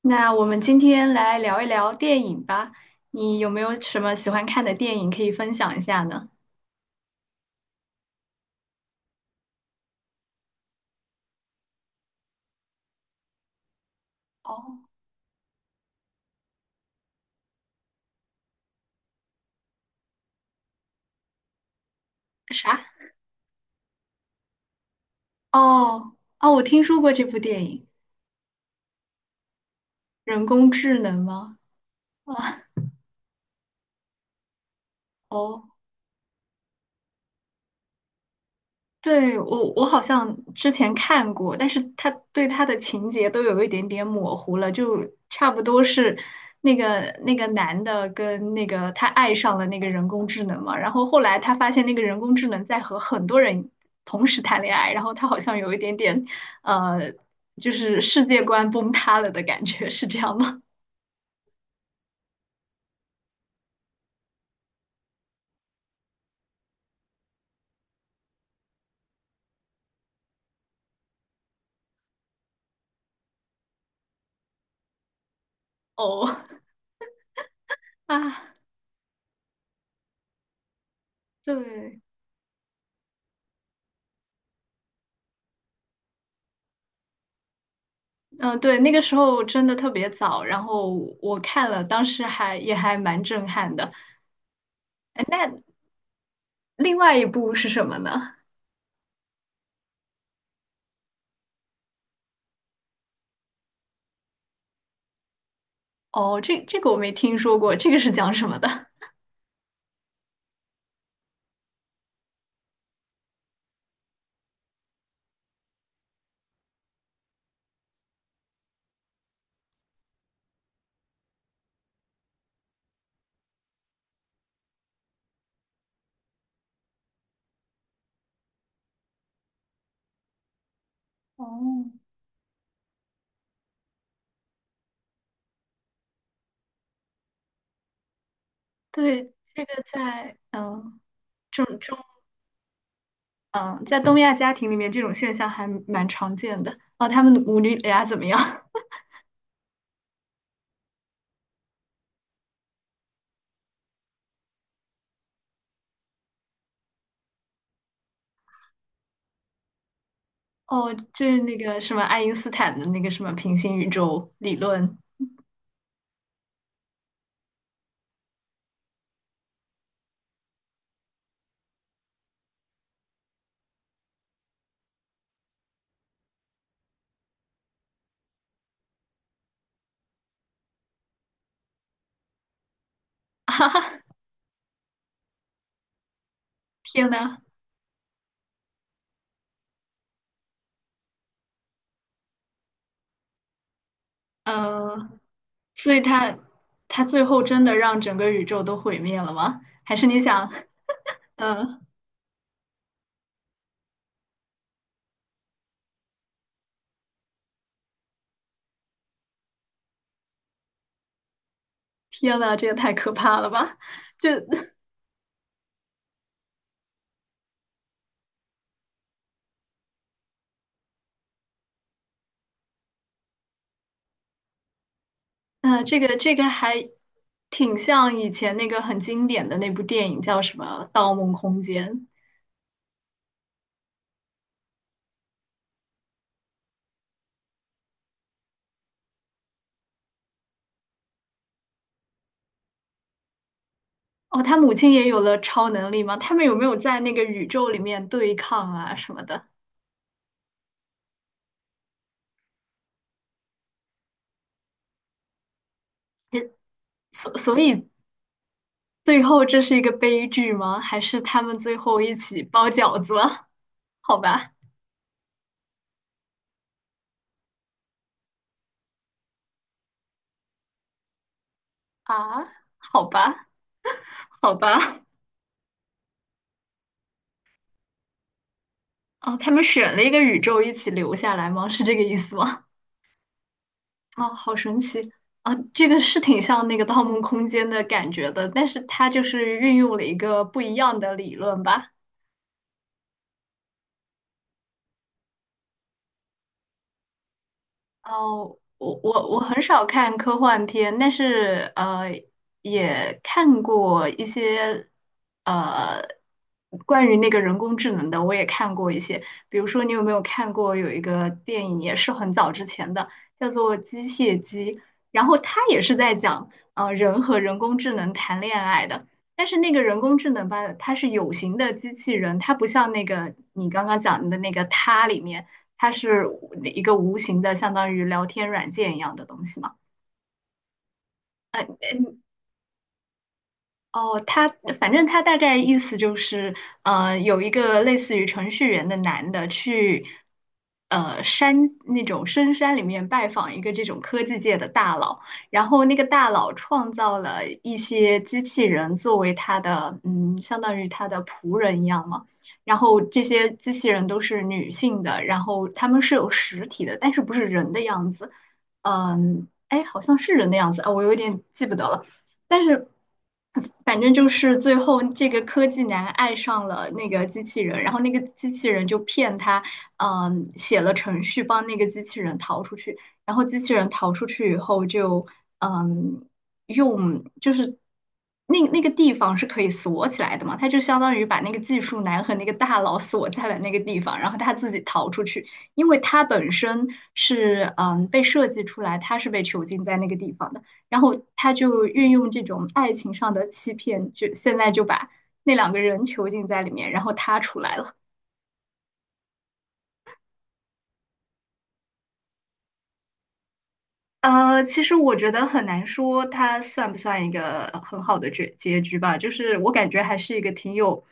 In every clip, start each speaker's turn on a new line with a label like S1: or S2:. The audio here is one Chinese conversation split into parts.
S1: 那我们今天来聊一聊电影吧。你有没有什么喜欢看的电影可以分享一下呢？哦，啥？哦哦，我听说过这部电影，人工智能吗？啊，哦。对，我好像之前看过，但是他的情节都有一点点模糊了，就差不多是那个那个男的跟那个他爱上了那个人工智能嘛，然后后来他发现那个人工智能在和很多人同时谈恋爱，然后他好像有一点点呃，就是世界观崩塌了的感觉，是这样吗？哦啊。对，嗯，对，那个时候真的特别早，然后我看了，当时也还蛮震撼的。哎，那另外一部是什么呢？哦，这个我没听说过，这个是讲什么的？哦，对，这个在嗯中中嗯在东亚家庭里面，这种现象还蛮常见的。哦，他们母女俩怎么样？哦，就是那个什么爱因斯坦的那个什么平行宇宙理论。天呐，嗯，所以他最后真的让整个宇宙都毁灭了吗？还是你想，嗯、天呐，这也太可怕了吧！就啊，这个还挺像以前那个很经典的那部电影，叫什么《盗梦空间》。哦，他母亲也有了超能力吗？他们有没有在那个宇宙里面对抗啊什么的？也所以最后这是一个悲剧吗？还是他们最后一起包饺子了？好吧，啊，好吧，好吧。哦，他们选了一个宇宙一起留下来吗？是这个意思吗？哦，好神奇啊！这个是挺像那个《盗梦空间》的感觉的，但是它就是运用了一个不一样的理论吧。哦，我很少看科幻片，但是也看过一些呃关于那个人工智能的，我也看过一些。比如说，你有没有看过有一个电影，也是很早之前的，叫做《机械姬》，然后它也是在讲人和人工智能谈恋爱的。但是那个人工智能吧，它是有形的机器人，它不像那个你刚刚讲的那个它里面。它是一个无形的，相当于聊天软件一样的东西嘛。哦，他反正他大概意思就是，有一个类似于程序员的男的去，呃，山那种深山里面拜访一个这种科技界的大佬，然后那个大佬创造了一些机器人作为他的，嗯，相当于他的仆人一样嘛。然后这些机器人都是女性的，然后他们是有实体的，但是不是人的样子，嗯，哎，好像是人的样子啊，我有点记不得了。但是反正就是最后这个科技男爱上了那个机器人，然后那个机器人就骗他，写了程序帮那个机器人逃出去，然后机器人逃出去以后就，嗯，就是那个地方是可以锁起来的嘛，他就相当于把那个技术男和那个大佬锁在了那个地方，然后他自己逃出去，因为他本身是被设计出来，他是被囚禁在那个地方的。然后他就运用这种爱情上的欺骗，就现在就把那两个人囚禁在里面，然后他出来了。其实我觉得很难说它算不算一个很好的结局吧，就是我感觉还是一个挺有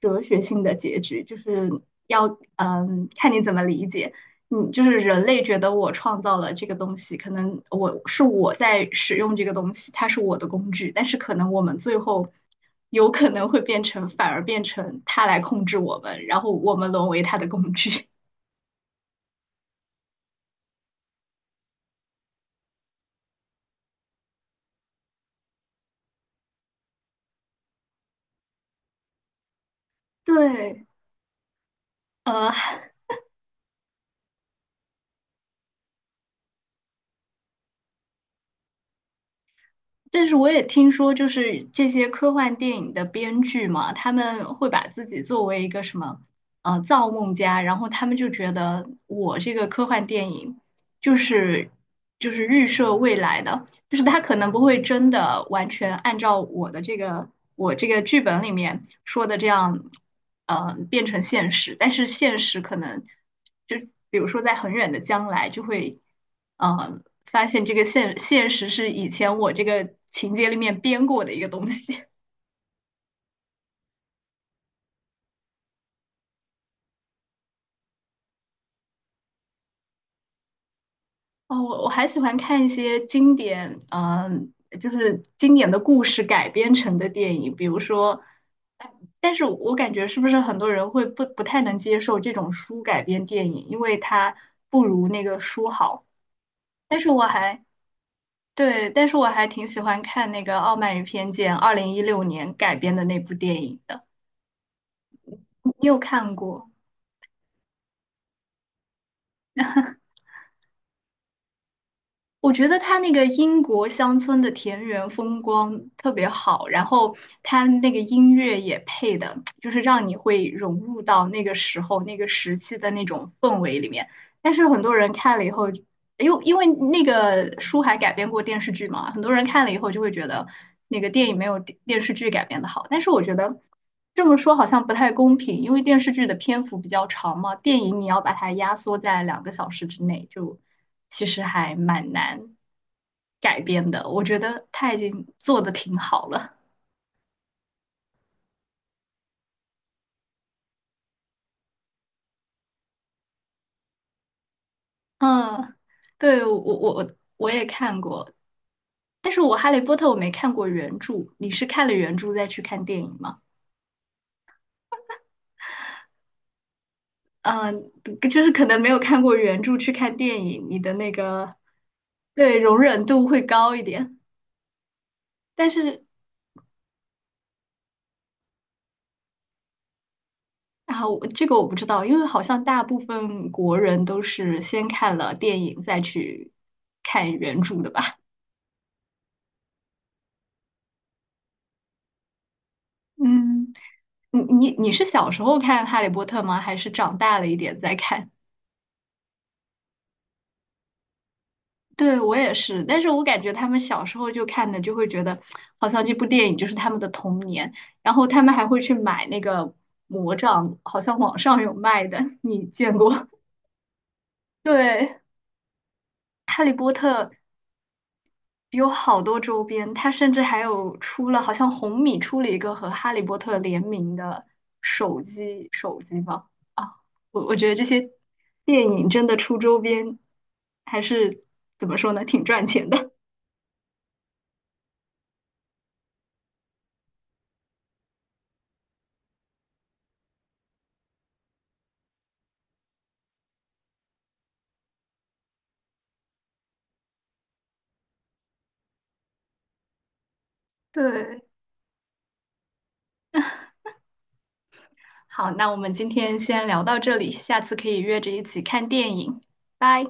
S1: 哲学性的结局，就是要看你怎么理解。嗯，就是人类觉得我创造了这个东西，可能我在使用这个东西，它是我的工具，但是可能我们最后有可能会变成，反而变成它来控制我们，然后我们沦为它的工具。对，呃。但是我也听说，就是这些科幻电影的编剧嘛，他们会把自己作为一个什么，造梦家，然后他们就觉得我这个科幻电影就是就是预设未来的，就是他可能不会真的完全按照我这个剧本里面说的这样，变成现实，但是现实可能就比如说在很远的将来就会，呃，发现这个现实是以前我这个情节里面编过的一个东西。哦，我还喜欢看一些经典，就是经典的故事改编成的电影，比如说，哎但是我感觉是不是很多人会不太能接受这种书改编电影，因为它不如那个书好。但是我还对，但是我还挺喜欢看那个《傲慢与偏见》，2016年改编的那部电影的，你有看过？我觉得他那个英国乡村的田园风光特别好，然后他那个音乐也配的，就是让你会融入到那个时候、那个时期的那种氛围里面。但是很多人看了以后因为那个书还改编过电视剧嘛，很多人看了以后就会觉得那个电影没有电视剧改编的好。但是我觉得这么说好像不太公平，因为电视剧的篇幅比较长嘛，电影你要把它压缩在2个小时之内，就其实还蛮难改编的。我觉得他已经做的挺好了。嗯，对，我也看过，但是我《哈利波特》我没看过原著，你是看了原著再去看电影吗？嗯，就是可能没有看过原著去看电影，你的那个对容忍度会高一点。但是啊，我这个我不知道，因为好像大部分国人都是先看了电影再去看原著的吧？嗯，你是小时候看《哈利波特》吗？还是长大了一点再看？对，我也是，但是我感觉他们小时候就看的，就会觉得好像这部电影就是他们的童年，然后他们还会去买那个魔杖，好像网上有卖的，你见过？对，《哈利波特》有好多周边，它甚至还有出了，好像红米出了一个和《哈利波特》联名的手机，手机吧？啊，我觉得这些电影真的出周边，还是怎么说呢，挺赚钱的。对。好，那我们今天先聊到这里，下次可以约着一起看电影，拜。